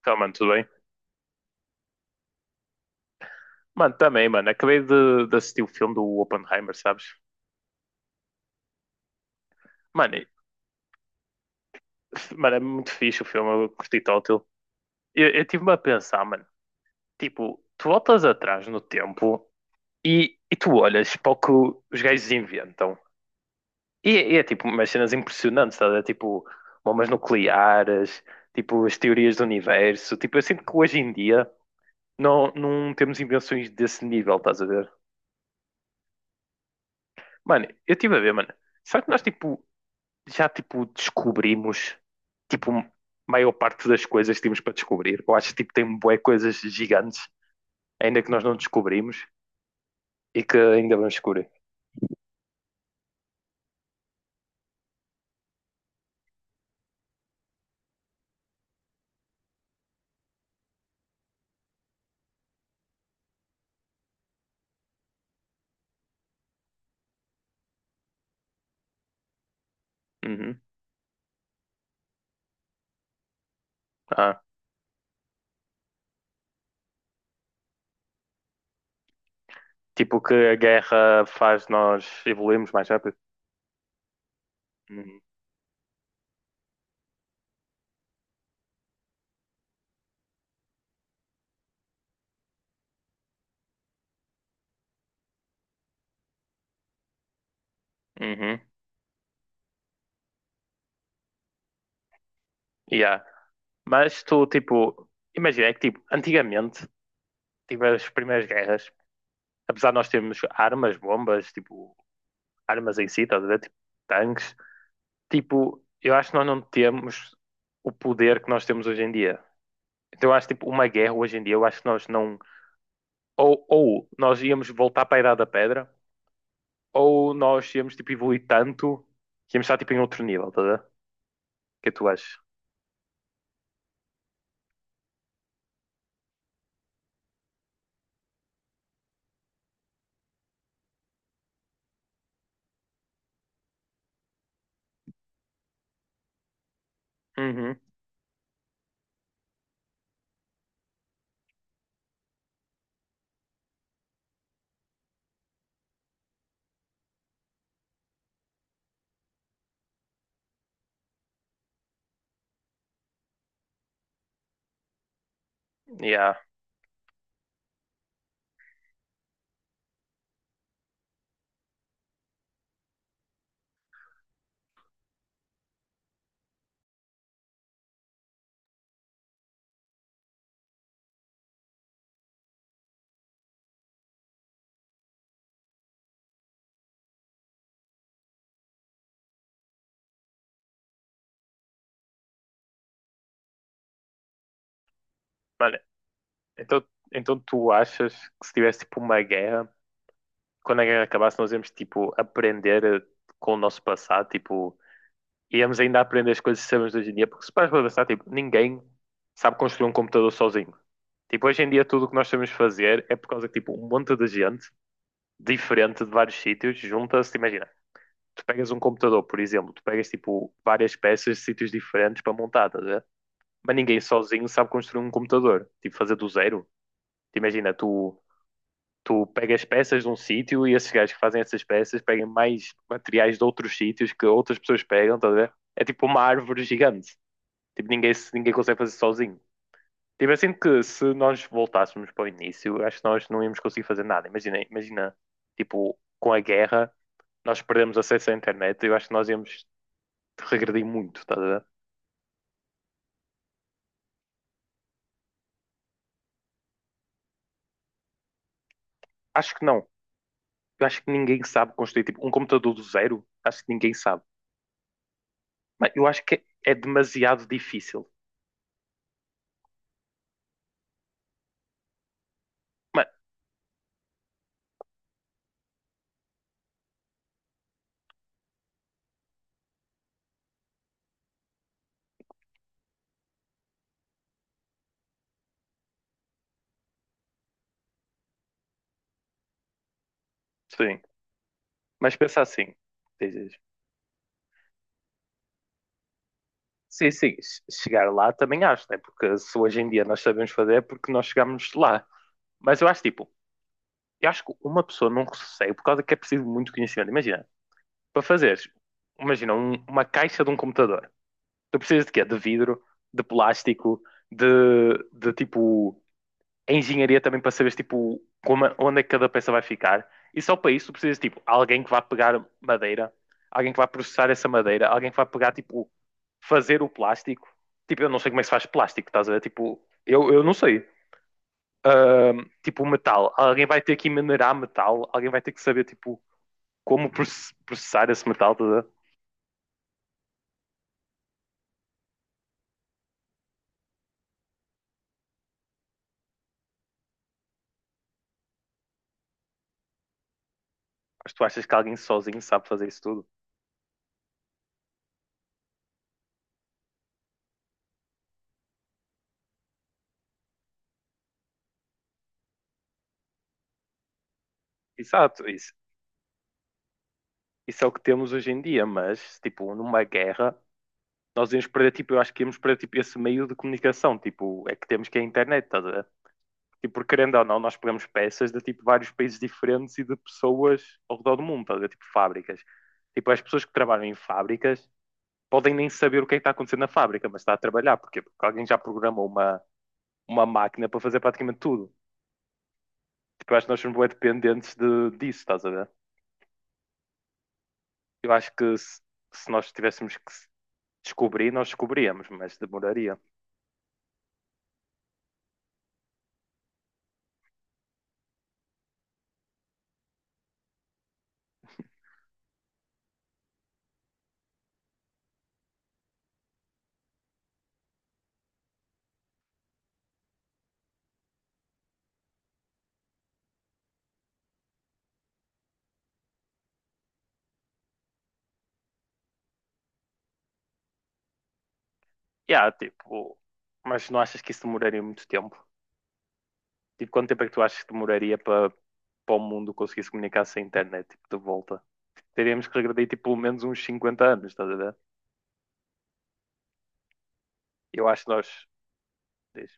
Então, mano, tudo bem? Mano, também, mano. Acabei de assistir o filme do Oppenheimer, sabes? Mano, mano, é muito fixe o filme, eu curti tótil. Eu tive-me a pensar, mano, tipo, tu voltas atrás no tempo e tu olhas para o que os gajos inventam. E é tipo umas cenas impressionantes, estás a ver? Tipo bombas nucleares, tipo as teorias do universo. Tipo, eu sinto que hoje em dia não temos invenções desse nível, estás a ver? Mano, eu estive a ver, mano. Será que nós, tipo, já tipo descobrimos tipo a maior parte das coisas que temos para descobrir. Eu acho que tipo tem bué coisas gigantes ainda que nós não descobrimos e que ainda vamos descobrir. Uhum. Ah, tipo que a guerra faz nós evoluirmos mais rápido. Uhum. Uhum. Yeah. Mas tu tipo imagina é que tipo antigamente tipo as primeiras guerras, apesar de nós termos armas, bombas, tipo armas em si, estás a ver? Tipo, tanques, tipo, eu acho que nós não temos o poder que nós temos hoje em dia. Então eu acho tipo uma guerra hoje em dia, eu acho que nós não, ou nós íamos voltar para a Idade da Pedra, ou nós íamos tipo evoluir tanto que íamos estar tipo em outro nível, tá a ver? O que é que tu achas? Uhum. Yeah. Olha, então, então tu achas que se tivesse tipo uma guerra, quando a guerra acabasse, nós íamos tipo aprender com o nosso passado, tipo, íamos ainda aprender as coisas que sabemos hoje em dia, porque se paras para pensar, tipo, ninguém sabe construir um computador sozinho. Tipo, hoje em dia tudo o que nós sabemos fazer é por causa que, tipo, um monte de gente diferente de vários sítios junta-se, imagina, tu pegas um computador, por exemplo, tu pegas, tipo, várias peças de sítios diferentes para montar, estás a ver? Mas ninguém sozinho sabe construir um computador, tipo, fazer do zero. Tu imagina, tu pegas peças de um sítio e esses gajos que fazem essas peças pegam mais materiais de outros sítios que outras pessoas pegam, estás a ver? É tipo uma árvore gigante. Tipo, ninguém, ninguém consegue fazer sozinho. Tipo, eu sinto que se nós voltássemos para o início, acho que nós não íamos conseguir fazer nada. Imagina, tipo, com a guerra, nós perdemos acesso à internet, eu acho que nós íamos regredir muito, estás a ver? Acho que não. Eu acho que ninguém sabe construir, tipo, um computador do zero, acho que ninguém sabe. Mas eu acho que é demasiado difícil. Mas, sim, mas pensa assim, dizes. Sim, sim, chegar lá também acho, né? Porque se hoje em dia nós sabemos fazer é porque nós chegamos lá. Mas eu acho, tipo, eu acho que uma pessoa não recebe por causa que é preciso muito conhecimento. Imagina, para fazeres, imagina, uma caixa de um computador. Tu precisas de quê? De vidro, de plástico, de tipo, engenharia também para saberes, tipo, como, onde é que cada peça vai ficar. E só para isso tu precisas, tipo, alguém que vá pegar madeira, alguém que vá processar essa madeira, alguém que vá pegar, tipo, fazer o plástico. Tipo, eu não sei como é que se faz plástico, estás a ver? Tipo, eu não sei, tipo, metal. Alguém vai ter que minerar metal, alguém vai ter que saber tipo como processar esse metal. Tá. Mas tu achas que alguém sozinho sabe fazer isso tudo? Exato, isso é o que temos hoje em dia, mas tipo numa guerra nós íamos perder tipo, eu acho que íamos perder tipo esse meio de comunicação, tipo, é que temos, que é a internet, estás a ver? Tipo, porque querendo ou não, nós pegamos peças de tipo vários países diferentes e de pessoas ao redor do mundo, estás a ver? Tipo fábricas. Tipo, as pessoas que trabalham em fábricas podem nem saber o que é que está acontecendo na fábrica, mas está a trabalhar. Porquê? Porque alguém já programou uma máquina para fazer praticamente tudo. Porque eu acho que nós somos bem dependentes disso, estás a ver? Eu acho que se nós tivéssemos que descobrir, nós descobríamos, mas demoraria. Yeah, tipo, mas não achas que isso demoraria muito tempo? Tipo, quanto tempo é que tu achas que demoraria para o mundo conseguir se comunicar sem internet, tipo, de volta? Teríamos que regredir, tipo, pelo menos uns 50 anos, estás a ver? Eu acho que nós... Diz.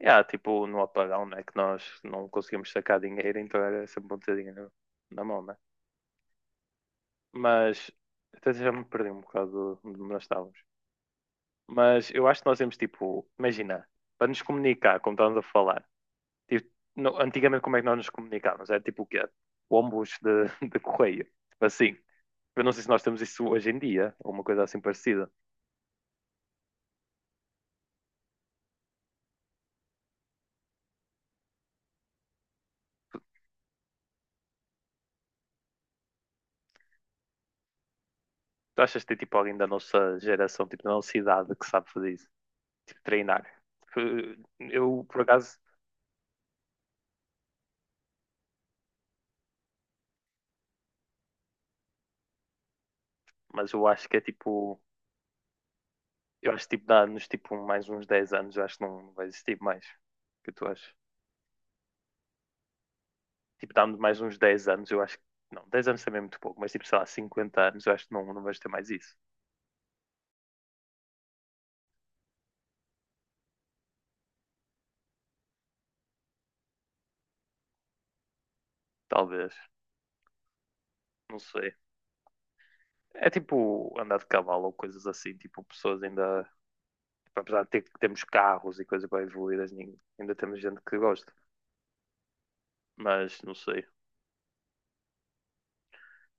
Yeah, tipo no apagão, né? Que nós não conseguimos sacar dinheiro, então era sempre um bocadinho na, na mão, né? Mas até já me perdi um bocado de onde nós estávamos. Mas eu acho que nós temos tipo, imagina, para nos comunicar, como estávamos a falar, tipo, antigamente como é que nós nos comunicávamos? Era tipo o quê? Ombos de, de correio. Tipo assim. Eu não sei se nós temos isso hoje em dia, ou uma coisa assim parecida. Tu achas que tem tipo alguém da nossa geração, tipo da nossa idade, que sabe fazer isso? Tipo, treinar. Tipo, eu, por acaso... Mas eu acho que é tipo... Eu acho que tipo, dá-nos tipo mais uns 10 anos, eu acho que não vai existir mais. O que tu achas? Tipo, dá-nos mais uns 10 anos, eu acho que... Não, 10 anos também é muito pouco, mas tipo, sei lá, 50 anos, eu acho que não vais ter mais isso. Talvez. Não sei. É tipo andar de cavalo ou coisas assim, tipo, pessoas ainda. Tipo, apesar de ter, temos carros e coisas bem evoluídas, ainda temos gente que gosta. Mas não sei.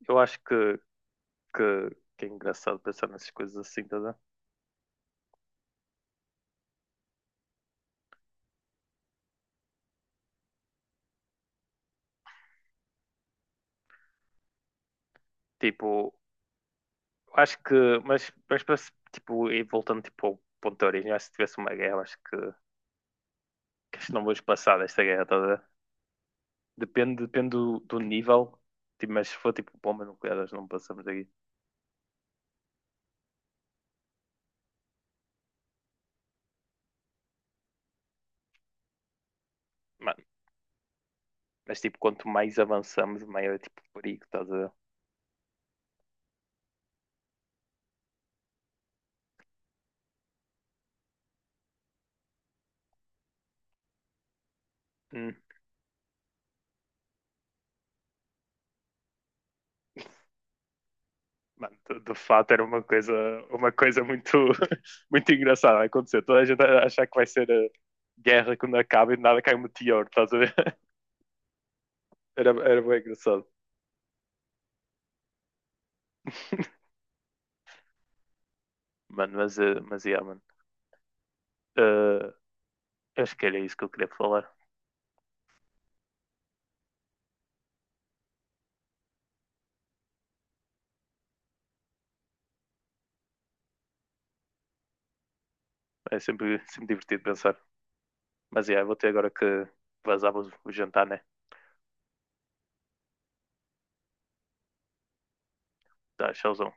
Eu acho que, que é engraçado pensar nessas coisas assim, tá a ver? Tipo, acho que... mas, para se- tipo, e voltando tipo, ao ponto de origem, acho que se tivesse uma guerra, acho que acho que não vamos passar desta guerra toda. Depende, depende do nível, tipo, mas se for tipo bombas nucleares, não passamos daqui. Mano, mas tipo, quanto mais avançamos, maior é tipo o perigo, estás a ver? Hum. Mano, de fato era uma coisa muito, muito engraçada a acontecer. Toda a gente a achar que vai ser a guerra quando acaba e de nada cai um meteoro, estás a ver? Era bem engraçado. Mano, mas yeah, mano. Uh, Eu acho que era isso que eu queria falar. É sempre, sempre divertido pensar. Mas é, vou ter agora que vazar o jantar, né? Tá, tchauzão.